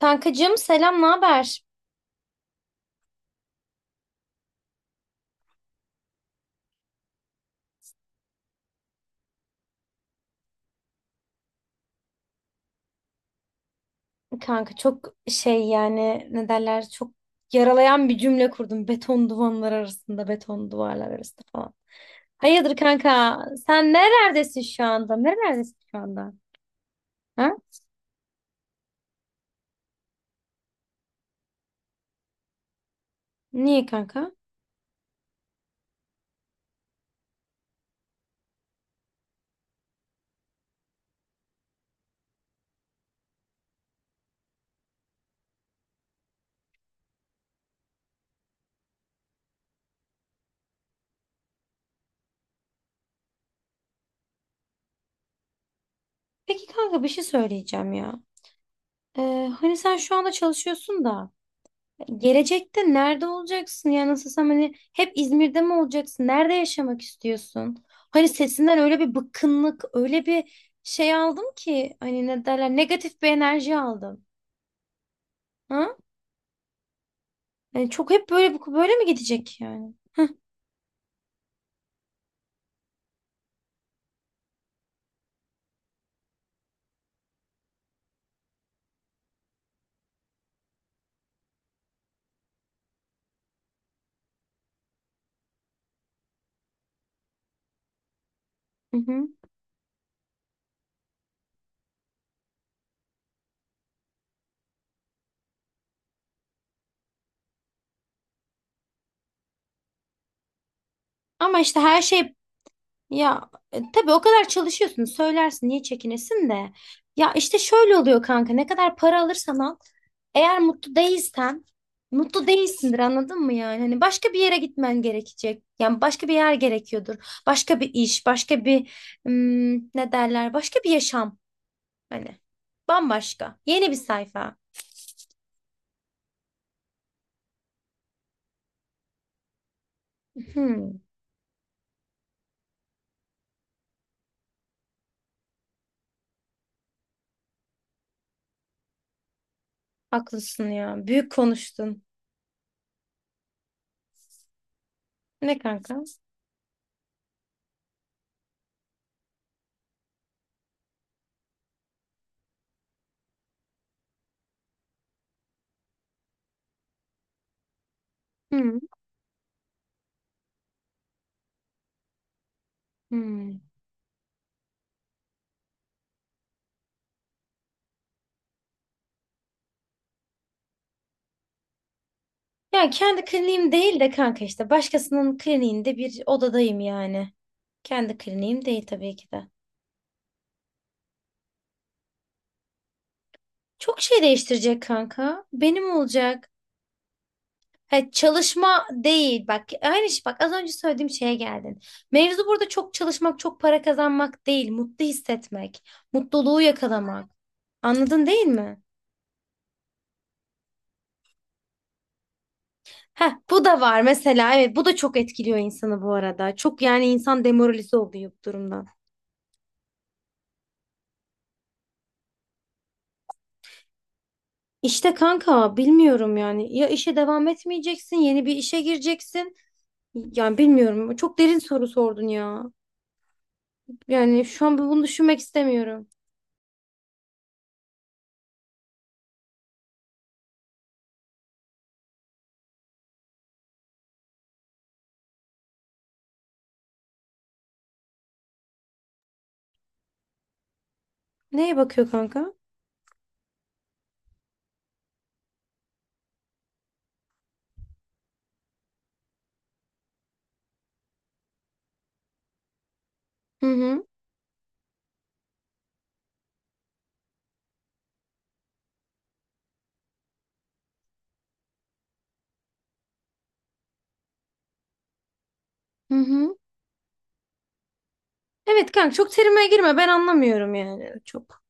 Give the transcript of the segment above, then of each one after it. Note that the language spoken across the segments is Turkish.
Kankacığım selam, ne haber? Kanka çok şey yani ne derler çok yaralayan bir cümle kurdum. Beton duvarlar arasında, beton duvarlar arasında falan. Hayırdır kanka? Sen nerelerdesin şu anda? Nerelerdesin şu anda? Ha? Niye kanka? Peki kanka bir şey söyleyeceğim ya. Hani sen şu anda çalışıyorsun da. Gelecekte nerede olacaksın ya nasılsam hani hep İzmir'de mi olacaksın? Nerede yaşamak istiyorsun? Hani sesinden öyle bir bıkkınlık, öyle bir şey aldım ki hani ne derler negatif bir enerji aldım. Ha? Yani çok hep böyle böyle mi gidecek yani? Hı hı. Ama işte her şey. Ya tabii o kadar çalışıyorsun söylersin niye çekinesin de. Ya işte şöyle oluyor kanka ne kadar para alırsan al, eğer mutlu değilsen mutlu değilsindir, anladın mı yani? Hani başka bir yere gitmen gerekecek. Yani başka bir yer gerekiyordur. Başka bir iş, başka bir ne derler? Başka bir yaşam hani. Bambaşka. Yeni bir sayfa. Hmm, haklısın ya. Büyük konuştun. Ne kanka? Hmm, hmm. Ya kendi kliniğim değil de kanka, işte başkasının kliniğinde bir odadayım yani. Kendi kliniğim değil tabii ki de. Çok şey değiştirecek kanka. Benim olacak. Ha, çalışma değil bak, aynı şey, bak az önce söylediğim şeye geldin. Mevzu burada çok çalışmak çok para kazanmak değil, mutlu hissetmek, mutluluğu yakalamak, anladın değil mi? Heh, bu da var mesela, evet, bu da çok etkiliyor insanı bu arada, çok yani, insan demoralize oluyor bu durumdan. İşte kanka bilmiyorum yani, ya işe devam etmeyeceksin yeni bir işe gireceksin, yani bilmiyorum, çok derin soru sordun ya, yani şu an bunu düşünmek istemiyorum. Neye bakıyor kanka? Hı hı. Hı hı. Evet kanka, çok terime girme, ben anlamıyorum yani çok.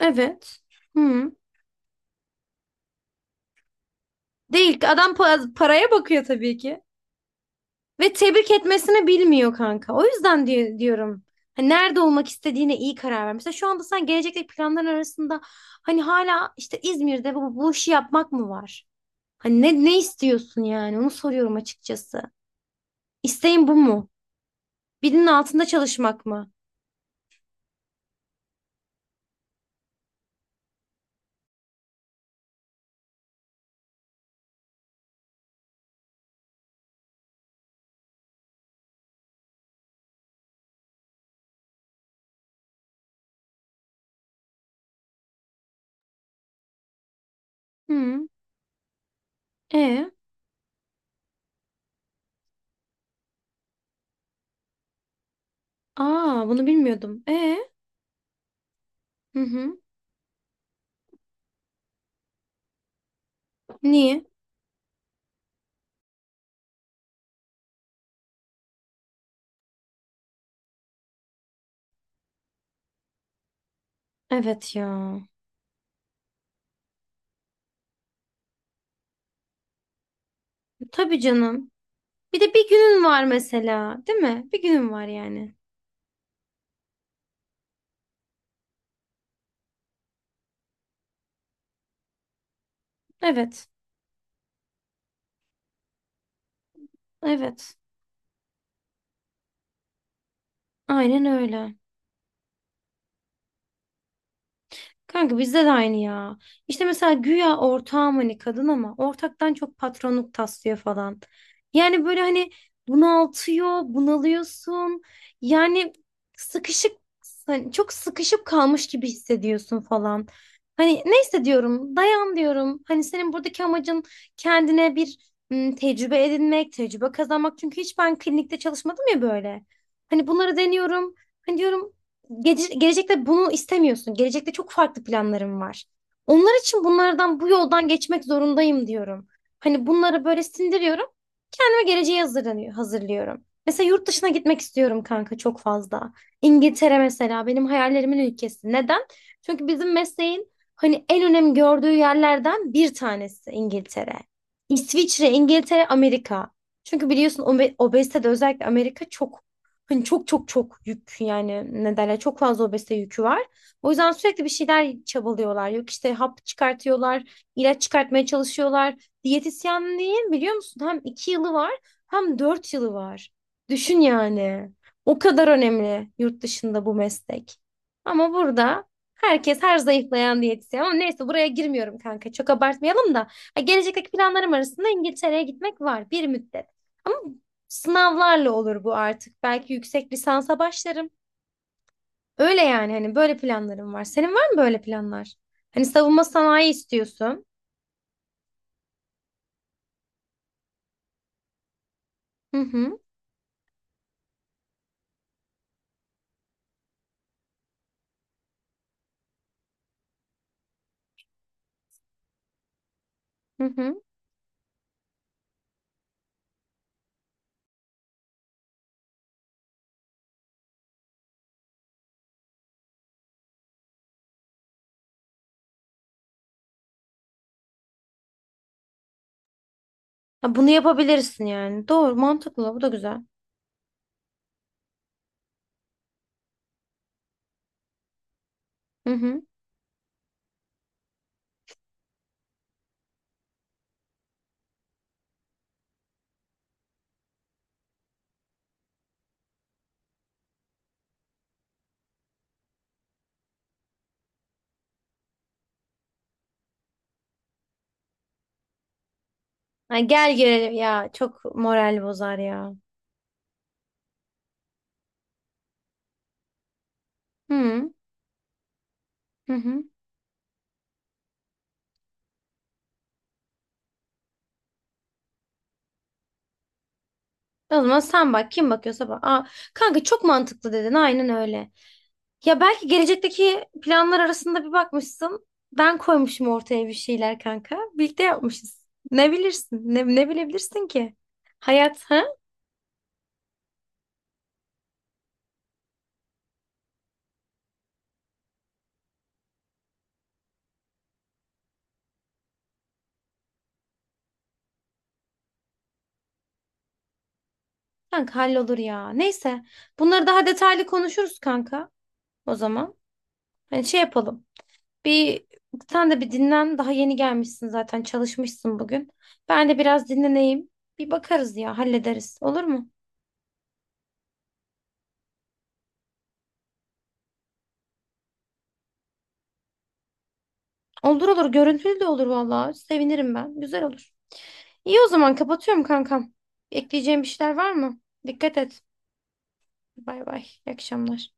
Evet. Hı. Değil, adam paraya bakıyor tabii ki. Ve tebrik etmesini bilmiyor kanka. O yüzden diyorum. Hani nerede olmak istediğine iyi karar ver. Mesela şu anda sen gelecekteki planların arasında hani hala işte İzmir'de bu işi yapmak mı var? Hani ne istiyorsun yani? Onu soruyorum açıkçası. İsteğin bu mu? Birinin altında çalışmak mı? Hı. E. Aa, bunu bilmiyordum. E. Hı hı. Niye? Evet ya. Tabii canım. Bir de bir günün var mesela, değil mi? Bir günün var yani. Evet. Evet. Aynen öyle. Kanka bizde de aynı ya. İşte mesela güya ortağım, hani kadın ama ortaktan çok patronluk taslıyor falan. Yani böyle hani bunaltıyor, bunalıyorsun. Yani sıkışık, hani çok sıkışıp kalmış gibi hissediyorsun falan. Hani ne hissediyorum? Dayan diyorum. Hani senin buradaki amacın kendine bir tecrübe edinmek, tecrübe kazanmak. Çünkü hiç ben klinikte çalışmadım ya böyle. Hani bunları deniyorum. Hani diyorum, gelecekte bunu istemiyorsun. Gelecekte çok farklı planlarım var. Onlar için bunlardan, bu yoldan geçmek zorundayım diyorum. Hani bunları böyle sindiriyorum. Kendime geleceğe hazırlanıyor, hazırlıyorum. Mesela yurt dışına gitmek istiyorum kanka, çok fazla. İngiltere mesela benim hayallerimin ülkesi. Neden? Çünkü bizim mesleğin hani en önem gördüğü yerlerden bir tanesi İngiltere. İsviçre, İngiltere, Amerika. Çünkü biliyorsun obezitede özellikle Amerika çok. Hani çok çok çok yük, yani ne derler, çok fazla obezite yükü var. O yüzden sürekli bir şeyler çabalıyorlar. Yok işte hap çıkartıyorlar, ilaç çıkartmaya çalışıyorlar. Diyetisyenliğin biliyor musun, hem iki yılı var hem dört yılı var. Düşün yani. O kadar önemli yurt dışında bu meslek. Ama burada herkes her zayıflayan diyetisyen. Ama neyse, buraya girmiyorum kanka. Çok abartmayalım da. Ha, gelecekteki planlarım arasında İngiltere'ye gitmek var bir müddet. Ama sınavlarla olur bu artık. Belki yüksek lisansa başlarım. Öyle yani, hani böyle planlarım var. Senin var mı böyle planlar? Hani savunma sanayi istiyorsun. Hı hı. Hı hı. Ha, bunu yapabilirsin yani. Doğru, mantıklı. Bu da güzel. Hı hı. Ay, gel gelelim ya. Çok moral bozar ya. Hı hı hı. O zaman sen bak, kim bakıyorsa bak. Aa, kanka çok mantıklı dedin, aynen öyle. Ya belki gelecekteki planlar arasında bir bakmışsın. Ben koymuşum ortaya bir şeyler kanka. Birlikte yapmışız. Ne bilirsin? Ne bilebilirsin ki? Hayat ha? Kanka hallolur ya. Neyse. Bunları daha detaylı konuşuruz kanka. O zaman. Hani şey yapalım. Bir, sen de bir dinlen. Daha yeni gelmişsin zaten. Çalışmışsın bugün. Ben de biraz dinleneyim. Bir bakarız ya. Hallederiz. Olur mu? Olur olur, görüntülü de olur vallahi. Sevinirim ben. Güzel olur. İyi o zaman, kapatıyorum kankam. Ekleyeceğim bir şeyler var mı? Dikkat et. Bay bay. İyi akşamlar.